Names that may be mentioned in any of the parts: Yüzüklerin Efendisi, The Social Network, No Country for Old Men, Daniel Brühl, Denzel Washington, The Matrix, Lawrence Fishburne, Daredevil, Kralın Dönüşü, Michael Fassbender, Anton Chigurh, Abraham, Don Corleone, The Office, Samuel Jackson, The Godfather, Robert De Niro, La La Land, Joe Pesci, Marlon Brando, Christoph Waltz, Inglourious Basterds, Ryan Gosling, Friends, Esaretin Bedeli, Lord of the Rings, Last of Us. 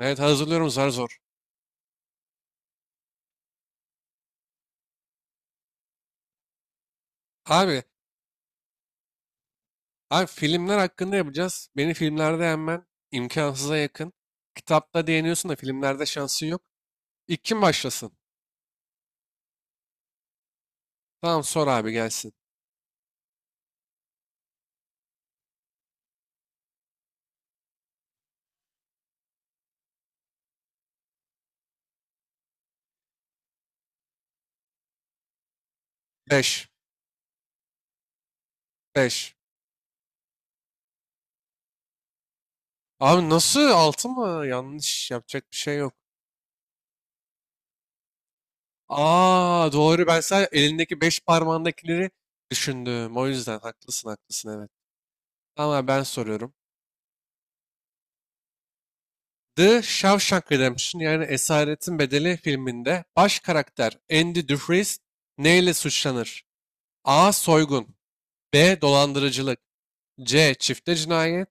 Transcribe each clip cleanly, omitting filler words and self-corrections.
Evet hazırlıyorum zar zor. Abi, abi, filmler hakkında yapacağız. Beni filmlerde yenmen imkansıza yakın. Kitapta değiniyorsun da filmlerde şansın yok. İlk kim başlasın? Tamam sor abi, gelsin. 5, 5. Abi nasıl, 6 mı? Yanlış yapacak bir şey yok. Aa, doğru, ben sadece elindeki 5 parmağındakileri düşündüm. O yüzden haklısın, haklısın, evet. Tamam abi, ben soruyorum. The Shawshank Redemption yani Esaretin Bedeli filminde baş karakter Andy Dufresne neyle suçlanır? A. Soygun, B. Dolandırıcılık, C. Çifte cinayet,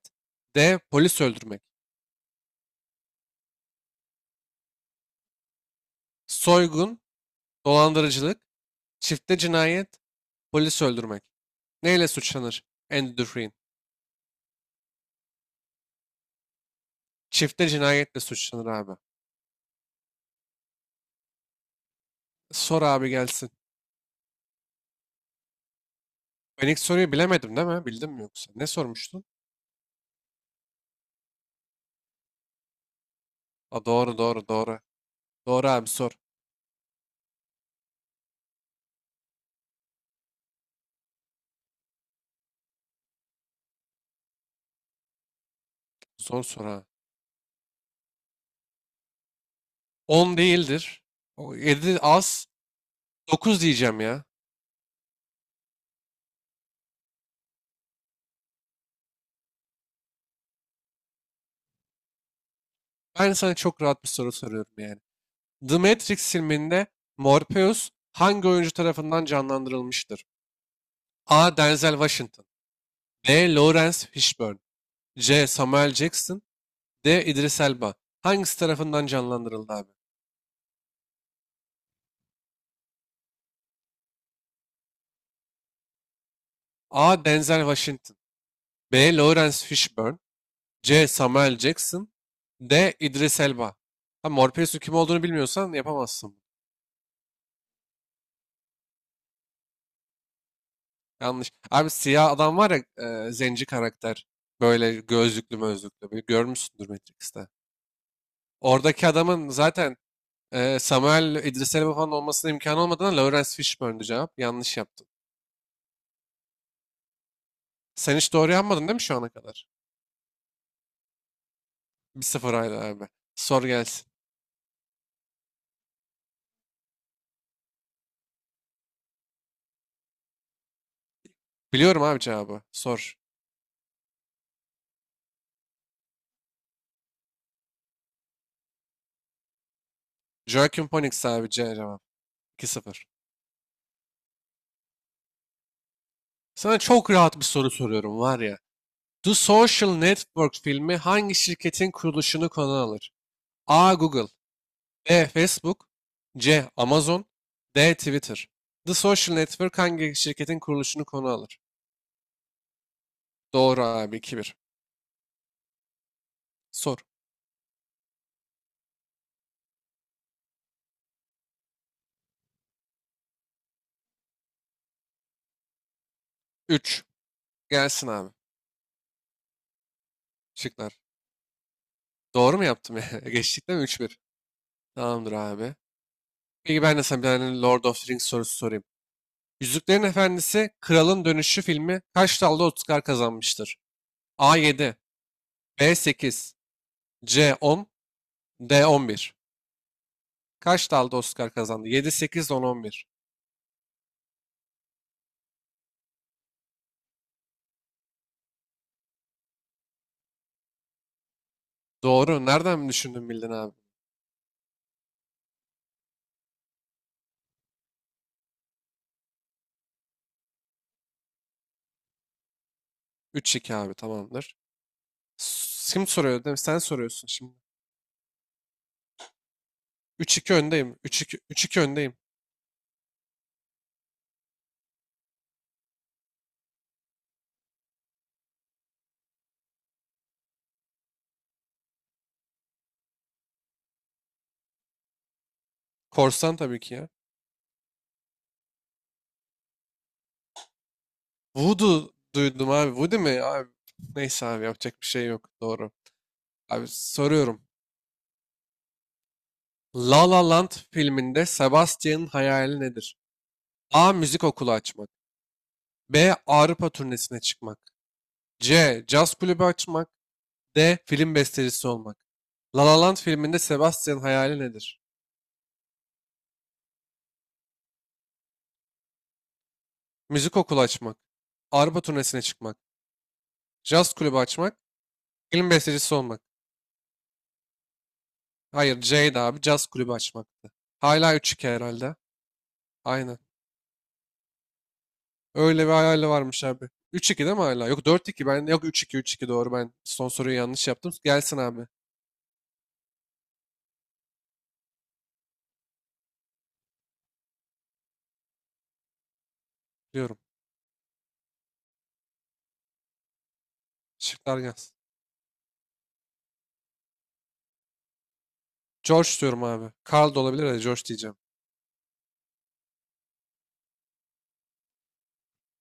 D. Polis öldürmek. Soygun, dolandırıcılık, çifte cinayet, polis öldürmek. Neyle suçlanır Andy Dufresne? Çifte cinayetle suçlanır abi. Sor abi, gelsin. Ben ilk soruyu bilemedim değil mi? Bildim mi yoksa? Ne sormuştun? Aa, doğru doğru doğru. Doğru abi, sor. Zor soru ha. 10 değildir. 7 az. 9 diyeceğim ya. Ben sana çok rahat bir soru soruyorum yani. The Matrix filminde Morpheus hangi oyuncu tarafından canlandırılmıştır? A. Denzel Washington, B. Lawrence Fishburne, C. Samuel Jackson, D. Idris Elba. Hangisi tarafından canlandırıldı abi? A. Denzel Washington, B. Lawrence Fishburne, C. Samuel Jackson, D. Idris Elba. Ha, Morpheus'un kim olduğunu bilmiyorsan yapamazsın. Yanlış. Abi siyah adam var ya, zenci karakter. Böyle gözlüklü mözlüklü. Bir görmüşsündür Matrix'te. Oradaki adamın zaten Samuel, İdris Elba falan olmasına imkan olmadığına Lawrence Fishburne'du cevap. Yanlış yaptın. Sen hiç doğru yapmadın değil mi şu ana kadar? 1-0 hala abi. Sor gelsin. Biliyorum abi cevabı. Sor. Joaquin Phoenix abi cevap. 2 sıfır. Sana çok rahat bir soru soruyorum var ya. The Social Network filmi hangi şirketin kuruluşunu konu alır? A. Google, B. Facebook, C. Amazon, D. Twitter. The Social Network hangi şirketin kuruluşunu konu alır? Doğru abi, 2-1. Sor. 3. Gelsin abi. Şıklar. Doğru mu yaptım ya? Geçtik değil mi? 3-1. Tamamdır abi. Peki ben de sana bir tane Lord of the Rings sorusu sorayım. Yüzüklerin Efendisi Kralın Dönüşü filmi kaç dalda Oscar kazanmıştır? A7, B8, C10, D11. Kaç dalda Oscar kazandı? 7, 8, 10, 11. Doğru. Nereden düşündün, bildin abi? 3-2 abi, tamamdır. Kim soruyor değil mi? Sen soruyorsun şimdi. 3-2 öndeyim. Üç iki öndeyim. Korsan tabii ki ya. Voodoo duydum abi. Voodoo mi? Abi, neyse abi, yapacak bir şey yok. Doğru. Abi, soruyorum. La La Land filminde Sebastian'ın hayali nedir? A. Müzik okulu açmak, B. Avrupa turnesine çıkmak, C. Caz kulübü açmak, D. Film bestecisi olmak. La La Land filminde Sebastian'ın hayali nedir? Müzik okulu açmak. Avrupa turnesine çıkmak. Jazz kulübü açmak. Film bestecisi olmak. Hayır Jade abi, jazz kulübü açmaktı. Hala 3-2 herhalde. Aynen. Öyle bir hayali varmış abi. 3-2 değil mi hala? Yok, 4-2. Ben. Yok, üç iki doğru, ben son soruyu yanlış yaptım. Gelsin abi. Diyorum. Şıklar gelsin. George diyorum abi. Carl da olabilir de George diyeceğim.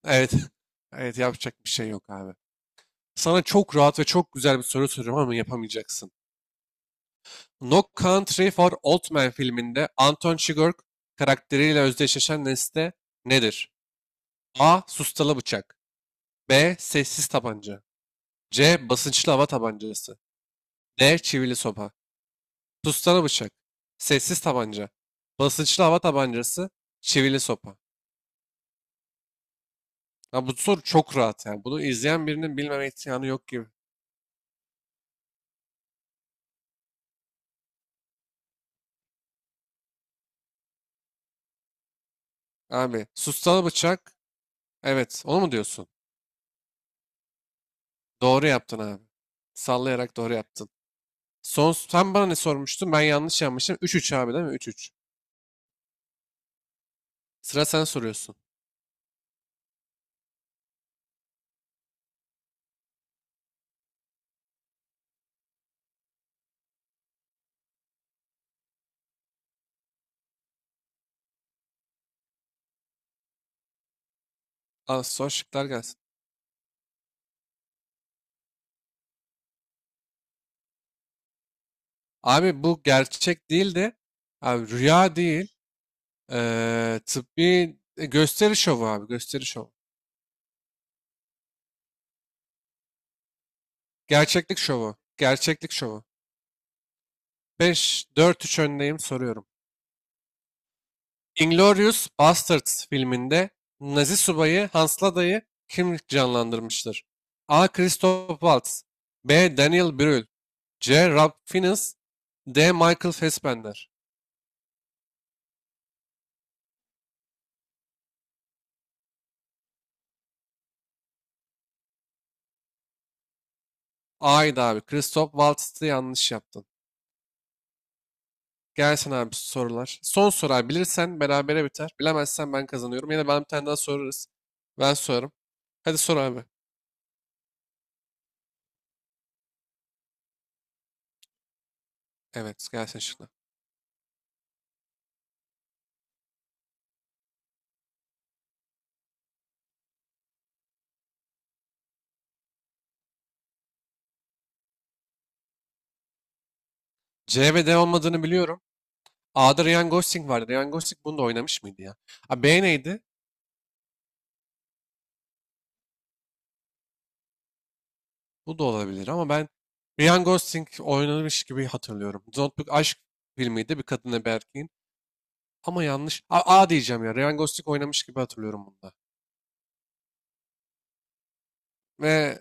Evet. Evet, yapacak bir şey yok abi. Sana çok rahat ve çok güzel bir soru soruyorum ama yapamayacaksın. No Country for Old Men filminde Anton Chigurh karakteriyle özdeşleşen nesne nedir? A. Sustalı bıçak, B. Sessiz tabanca, C. Basınçlı hava tabancası, D. Çivili sopa. Sustalı bıçak. Sessiz tabanca. Basınçlı hava tabancası. Çivili sopa. Ya bu soru çok rahat yani. Bunu izleyen birinin bilmeme imkanı yok gibi. Abi, sustalı bıçak. Evet, onu mu diyorsun? Doğru yaptın abi. Sallayarak doğru yaptın. Son sen bana ne sormuştun? Ben yanlış yapmışım. 3-3 abi değil mi? Üç. 3. Sıra, sen soruyorsun. Al, son şıklar gelsin. Abi bu gerçek değil de abi rüya değil. Gösteri şovu abi, gösteri şovu. Gerçeklik şovu. Gerçeklik şovu. Beş dört üç öndeyim, soruyorum. Inglourious Basterds filminde Nazi subayı Hans Lada'yı kim canlandırmıştır? A. Christoph Waltz, B. Daniel Brühl, C. Rob Fiennes, D. Michael Fassbender. A'ydı abi. Christoph Waltz'tı, yanlış yaptın. Gelsin abi sorular. Son soru abi. Bilirsen berabere biter. Bilemezsen ben kazanıyorum. Yine ben bir tane daha sorarız. Ben sorarım. Hadi sor abi. Evet, gelsin şıkla. C ve D olmadığını biliyorum. A'da Ryan Gosling vardı. Ryan Gosling bunu da oynamış mıydı ya? A, B neydi? Bu da olabilir ama ben Ryan Gosling oynamış gibi hatırlıyorum. Zontbuk aşk filmiydi, bir kadınla bir erkeğin. Ama yanlış. A diyeceğim ya. Ryan Gosling oynamış gibi hatırlıyorum bunda. Ve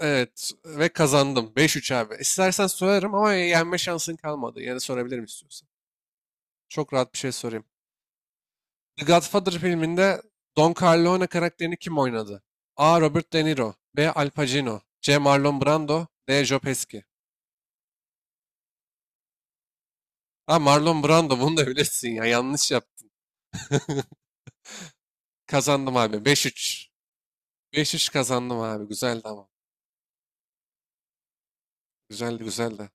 Evet, ve kazandım. 5-3 abi. İstersen sorarım ama yenme şansın kalmadı. Yani sorabilirim istiyorsan. Çok rahat bir şey sorayım. The Godfather filminde Don Corleone karakterini kim oynadı? A. Robert De Niro, B. Al Pacino, C. Marlon Brando, D. Joe Pesci. Ha, Marlon Brando, bunu da bilesin ya. Yanlış yaptım. Kazandım abi. Beş üç kazandım abi. Güzeldi ama. Güzeldi, güzeldi.